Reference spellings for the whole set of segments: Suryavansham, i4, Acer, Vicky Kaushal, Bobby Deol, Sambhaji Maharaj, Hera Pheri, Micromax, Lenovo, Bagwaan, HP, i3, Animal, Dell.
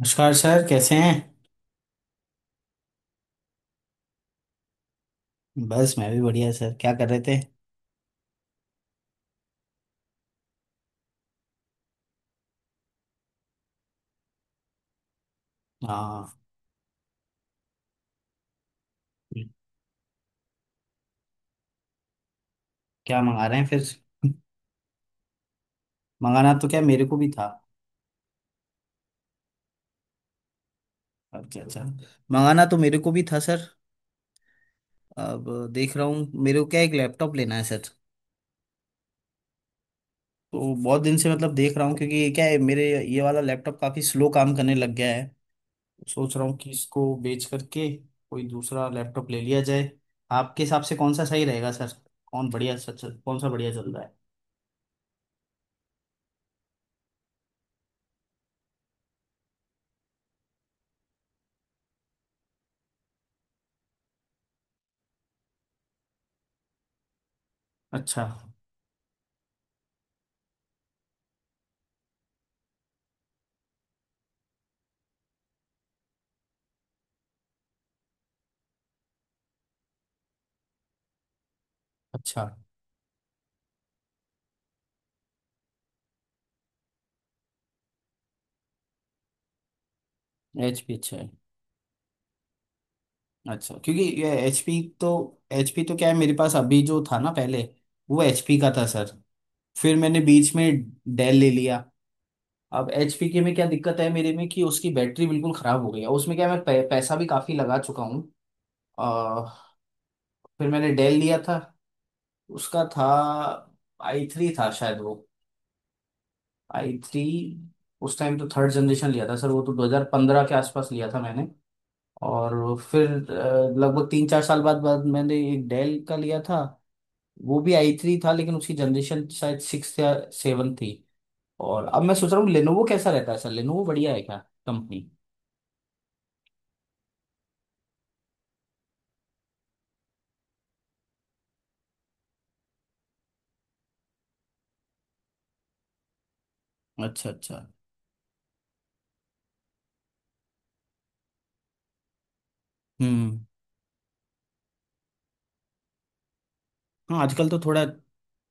नमस्कार सर, कैसे हैं। बस मैं भी बढ़िया सर, क्या कर रहे थे। हाँ, क्या मंगा रहे हैं फिर। मंगाना तो क्या, मेरे को भी था। अच्छा अच्छा, मंगाना तो मेरे को भी था सर। अब देख रहा हूँ, मेरे को क्या एक लैपटॉप लेना है सर। तो बहुत दिन से मतलब देख रहा हूँ, क्योंकि ये क्या है मेरे ये वाला लैपटॉप काफ़ी स्लो काम करने लग गया है। सोच रहा हूँ कि इसको बेच करके कोई दूसरा लैपटॉप ले लिया जाए। आपके हिसाब से कौन सा सही रहेगा सर। कौन बढ़िया सर, कौन सा बढ़िया चल रहा है। अच्छा अच्छा। एच पी अच्छा है। अच्छा, क्योंकि ये एचपी तो, एचपी तो क्या है, मेरे पास अभी जो था ना पहले वो एचपी का था सर। फिर मैंने बीच में डेल ले लिया। अब एचपी के में क्या दिक्कत है मेरे में कि उसकी बैटरी बिल्कुल खराब हो गई है। उसमें क्या है, मैं पैसा भी काफी लगा चुका हूँ। अ, फिर मैंने डेल लिया था। उसका था आई थ्री था शायद वो। I three. उस टाइम तो थर्ड जनरेशन लिया था सर, वो तो 2015 के आसपास लिया था मैंने। और फिर लगभग 3 4 साल बाद बाद मैंने एक डेल का लिया था। वो भी आई थ्री था, लेकिन उसकी जनरेशन शायद सिक्स या सेवन थी। और अब मैं सोच रहा हूँ लेनोवो कैसा रहता है सर, लेनोवो बढ़िया है क्या कंपनी। अच्छा अच्छा। हम्म। हाँ, आजकल तो थोड़ा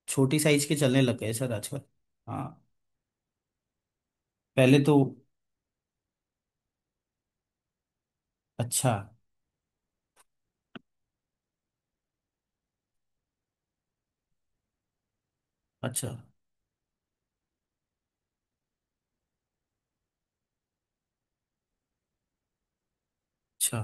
छोटी साइज के चलने लग गए सर आजकल। हाँ। पहले तो, अच्छा। अच्छा। अच्छा।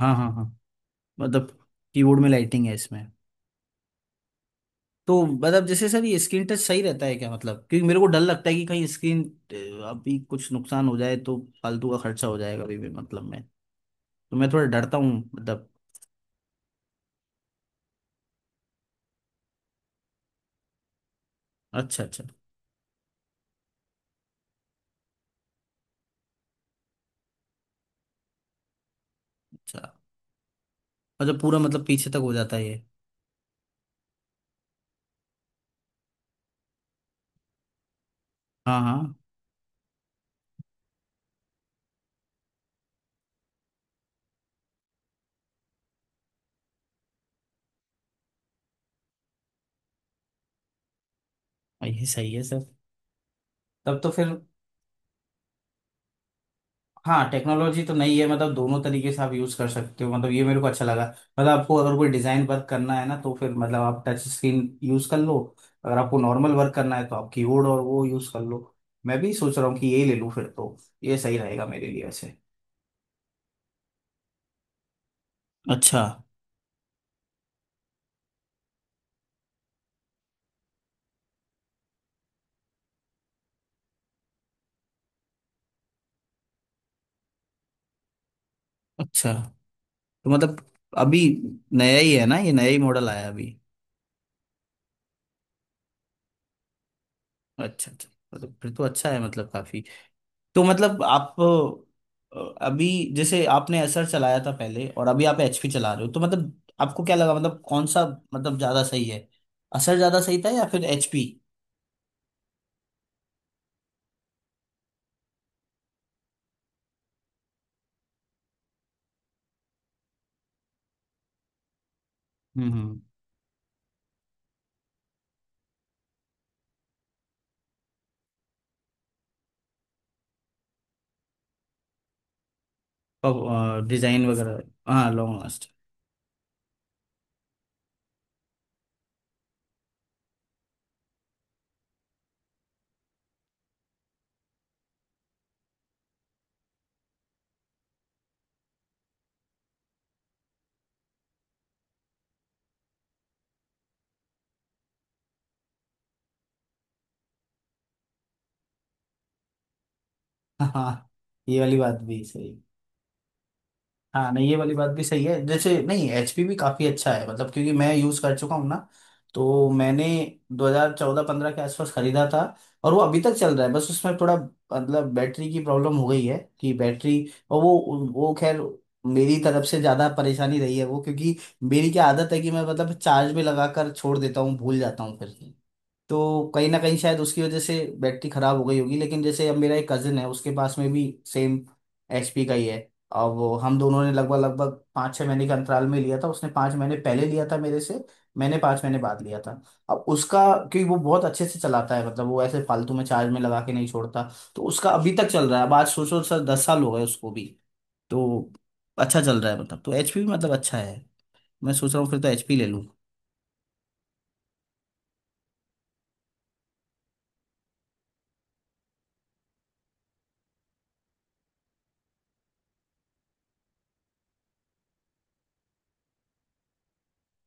हाँ हाँ हाँ, मतलब कीबोर्ड में लाइटिंग है इसमें। तो मतलब जैसे सर ये स्क्रीन टच सही रहता है क्या, मतलब क्योंकि मेरे को डर लगता है कि कहीं स्क्रीन अभी कुछ नुकसान हो जाए तो फालतू का खर्चा हो जाएगा अभी भी, मतलब मैं, तो मैं थोड़ा डरता हूँ मतलब। अच्छा अच्छा। अच्छा। अच्छा पूरा, मतलब पीछे तक हो जाता है ये। हाँ हाँ, ये सही है सर। तब तो फिर, हाँ टेक्नोलॉजी तो नई है, मतलब दोनों तरीके से आप यूज कर सकते हो, मतलब ये मेरे को अच्छा लगा। मतलब आपको अगर कोई डिजाइन वर्क करना है ना तो फिर मतलब आप टच स्क्रीन यूज कर लो, अगर आपको नॉर्मल वर्क करना है तो आप कीबोर्ड और वो यूज कर लो। मैं भी सोच रहा हूँ कि ये ले लूँ फिर तो, ये सही रहेगा मेरे लिए वैसे। अच्छा। अच्छा तो मतलब अभी नया ही है ना, ये नया ही मॉडल आया अभी। अच्छा अच्छा, मतलब फिर तो अच्छा है मतलब काफी। तो मतलब आप अ, अभी जैसे आपने असर चलाया था पहले और अभी आप एचपी चला रहे हो, तो मतलब आपको क्या लगा मतलब कौन सा, मतलब ज्यादा सही है, असर ज्यादा सही था या फिर एचपी। हम्म। डिजाइन वगैरह। हाँ, लॉन्ग लास्ट। हाँ, ये वाली बात भी सही। हाँ, नहीं, ये वाली बात भी सही है। जैसे नहीं एचपी भी काफ़ी अच्छा है मतलब, क्योंकि मैं यूज़ कर चुका हूँ ना। तो मैंने 2014-15 के आसपास खरीदा था और वो अभी तक चल रहा है, बस उसमें थोड़ा मतलब बैटरी की प्रॉब्लम हो गई है कि बैटरी, और वो खैर मेरी तरफ से ज़्यादा परेशानी रही है वो, क्योंकि मेरी क्या आदत है कि मैं मतलब चार्ज में लगा कर छोड़ देता हूँ, भूल जाता हूँ फिर। तो कहीं ना कहीं शायद उसकी वजह से बैटरी खराब हो गई होगी। लेकिन जैसे अब मेरा एक कजिन है, उसके पास में भी सेम एचपी का ही है। अब वो हम दोनों ने लगभग लगभग 5 6 महीने के अंतराल में लिया था, उसने 5 महीने पहले लिया था मेरे से, मैंने 5 महीने बाद लिया था। अब उसका, क्योंकि वो बहुत अच्छे से चलाता है, मतलब वो ऐसे फालतू में चार्ज में लगा के नहीं छोड़ता। तो उसका अभी तक चल रहा है, अब आज सोचो सर 10 साल हो गए उसको भी। तो अच्छा चल रहा है, मतलब तो एचपी भी मतलब अच्छा है। मैं सोच रहा हूँ फिर तो एचपी ले लूँ।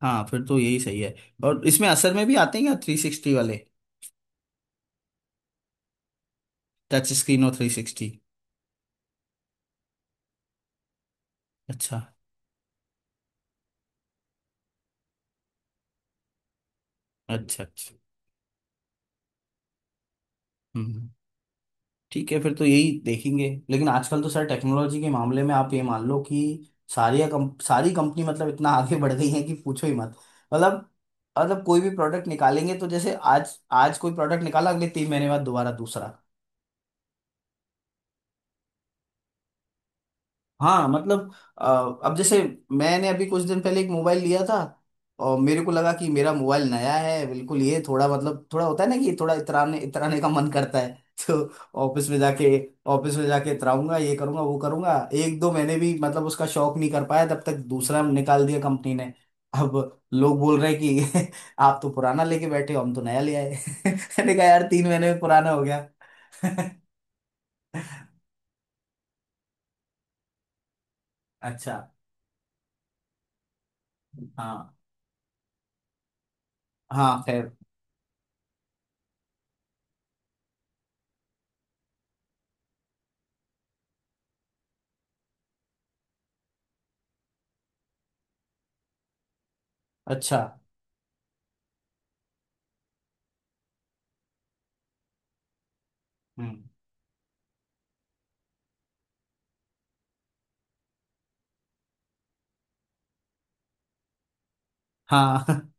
हाँ फिर तो यही सही है। और इसमें असर में भी आते हैं क्या थ्री सिक्सटी वाले, टच स्क्रीन और थ्री सिक्सटी। अच्छा अच्छा। अच्छा। हम्म। ठीक है फिर तो यही देखेंगे। लेकिन आजकल तो सर टेक्नोलॉजी के मामले में आप ये मान लो कि सारी कंपनी मतलब इतना आगे बढ़ गई है कि पूछो ही मत। मतलब, मतलब कोई भी प्रोडक्ट निकालेंगे तो जैसे आज आज कोई प्रोडक्ट निकाला अगले 3 महीने बाद दोबारा दूसरा। हाँ मतलब, अ, अब जैसे मैंने अभी कुछ दिन पहले एक मोबाइल लिया था और मेरे को लगा कि मेरा मोबाइल नया है बिल्कुल, ये थोड़ा मतलब थोड़ा होता है ना कि थोड़ा इतराने इतराने का मन करता है। तो ऑफिस में जाके ऑफिस में जाके इतराऊंगा, ये करूंगा वो करूंगा। 1 2 महीने भी मतलब उसका शौक नहीं कर पाया, तब तक दूसरा निकाल दिया कंपनी ने। अब लोग बोल रहे हैं कि आप तो पुराना लेके बैठे हो, हम तो नया ले आए। मैंने कहा यार 3 महीने में पुराना हो गया। अच्छा। हाँ हाँ खैर। अच्छा। हम्म। हाँ।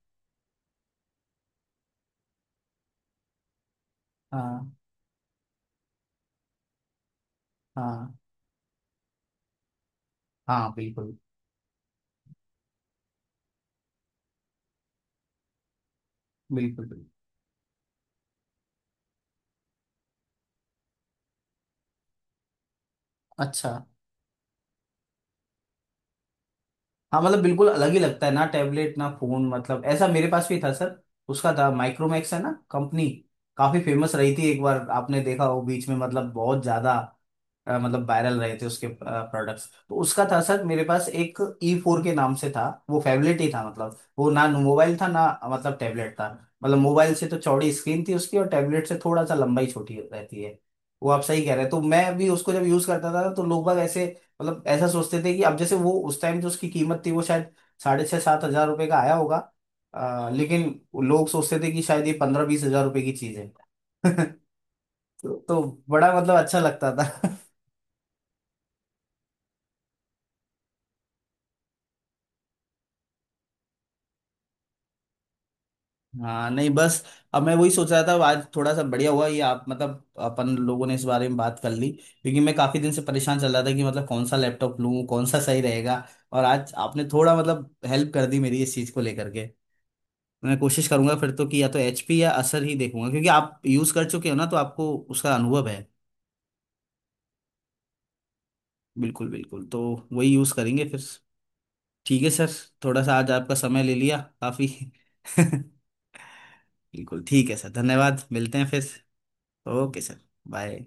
हाँ हाँ हाँ बिल्कुल बिल्कुल। बिल्कुल। अच्छा। हाँ, मतलब बिल्कुल अलग ही लगता है, ना टैबलेट ना फोन, मतलब ऐसा मेरे पास भी था सर। उसका था माइक्रोमैक्स है ना कंपनी, काफी फेमस रही थी एक बार, आपने देखा हो बीच में, मतलब बहुत ज्यादा मतलब वायरल रहे थे उसके प्रोडक्ट्स। तो उसका था सर मेरे पास एक, ई फोर के नाम से था। वो फेवलेट ही था, मतलब वो ना मोबाइल था ना, मतलब टैबलेट था, मतलब मोबाइल से तो चौड़ी स्क्रीन थी उसकी और टैबलेट से थोड़ा सा लंबाई छोटी रहती है। वो आप सही कह रहे हैं। तो मैं भी उसको जब यूज करता था तो लोग बाग ऐसे मतलब ऐसा सोचते थे कि, अब जैसे वो उस टाइम जो उसकी कीमत थी वो शायद ₹6500 7000 का आया होगा, लेकिन लोग सोचते थे कि शायद ये ₹15 20 हजार की चीज है। तो बड़ा मतलब अच्छा लगता था। हाँ नहीं बस, अब मैं वही सोच रहा था आज थोड़ा सा बढ़िया हुआ ये, आप मतलब अपन लोगों ने इस बारे में बात कर ली, क्योंकि मैं काफी दिन से परेशान चल रहा था कि मतलब कौन सा लैपटॉप लूँ, कौन सा सही रहेगा। और आज आपने थोड़ा मतलब हेल्प कर दी मेरी, इस चीज को लेकर के। मैं कोशिश करूंगा फिर तो कि या तो एचपी या असर ही देखूंगा, क्योंकि आप यूज कर चुके हो ना तो आपको उसका अनुभव है। बिल्कुल बिल्कुल, तो वही यूज करेंगे फिर। ठीक है सर। थोड़ा सा आज आपका समय ले लिया काफी। बिल्कुल ठीक है सर, धन्यवाद, मिलते हैं फिर। Okay sir. बाय।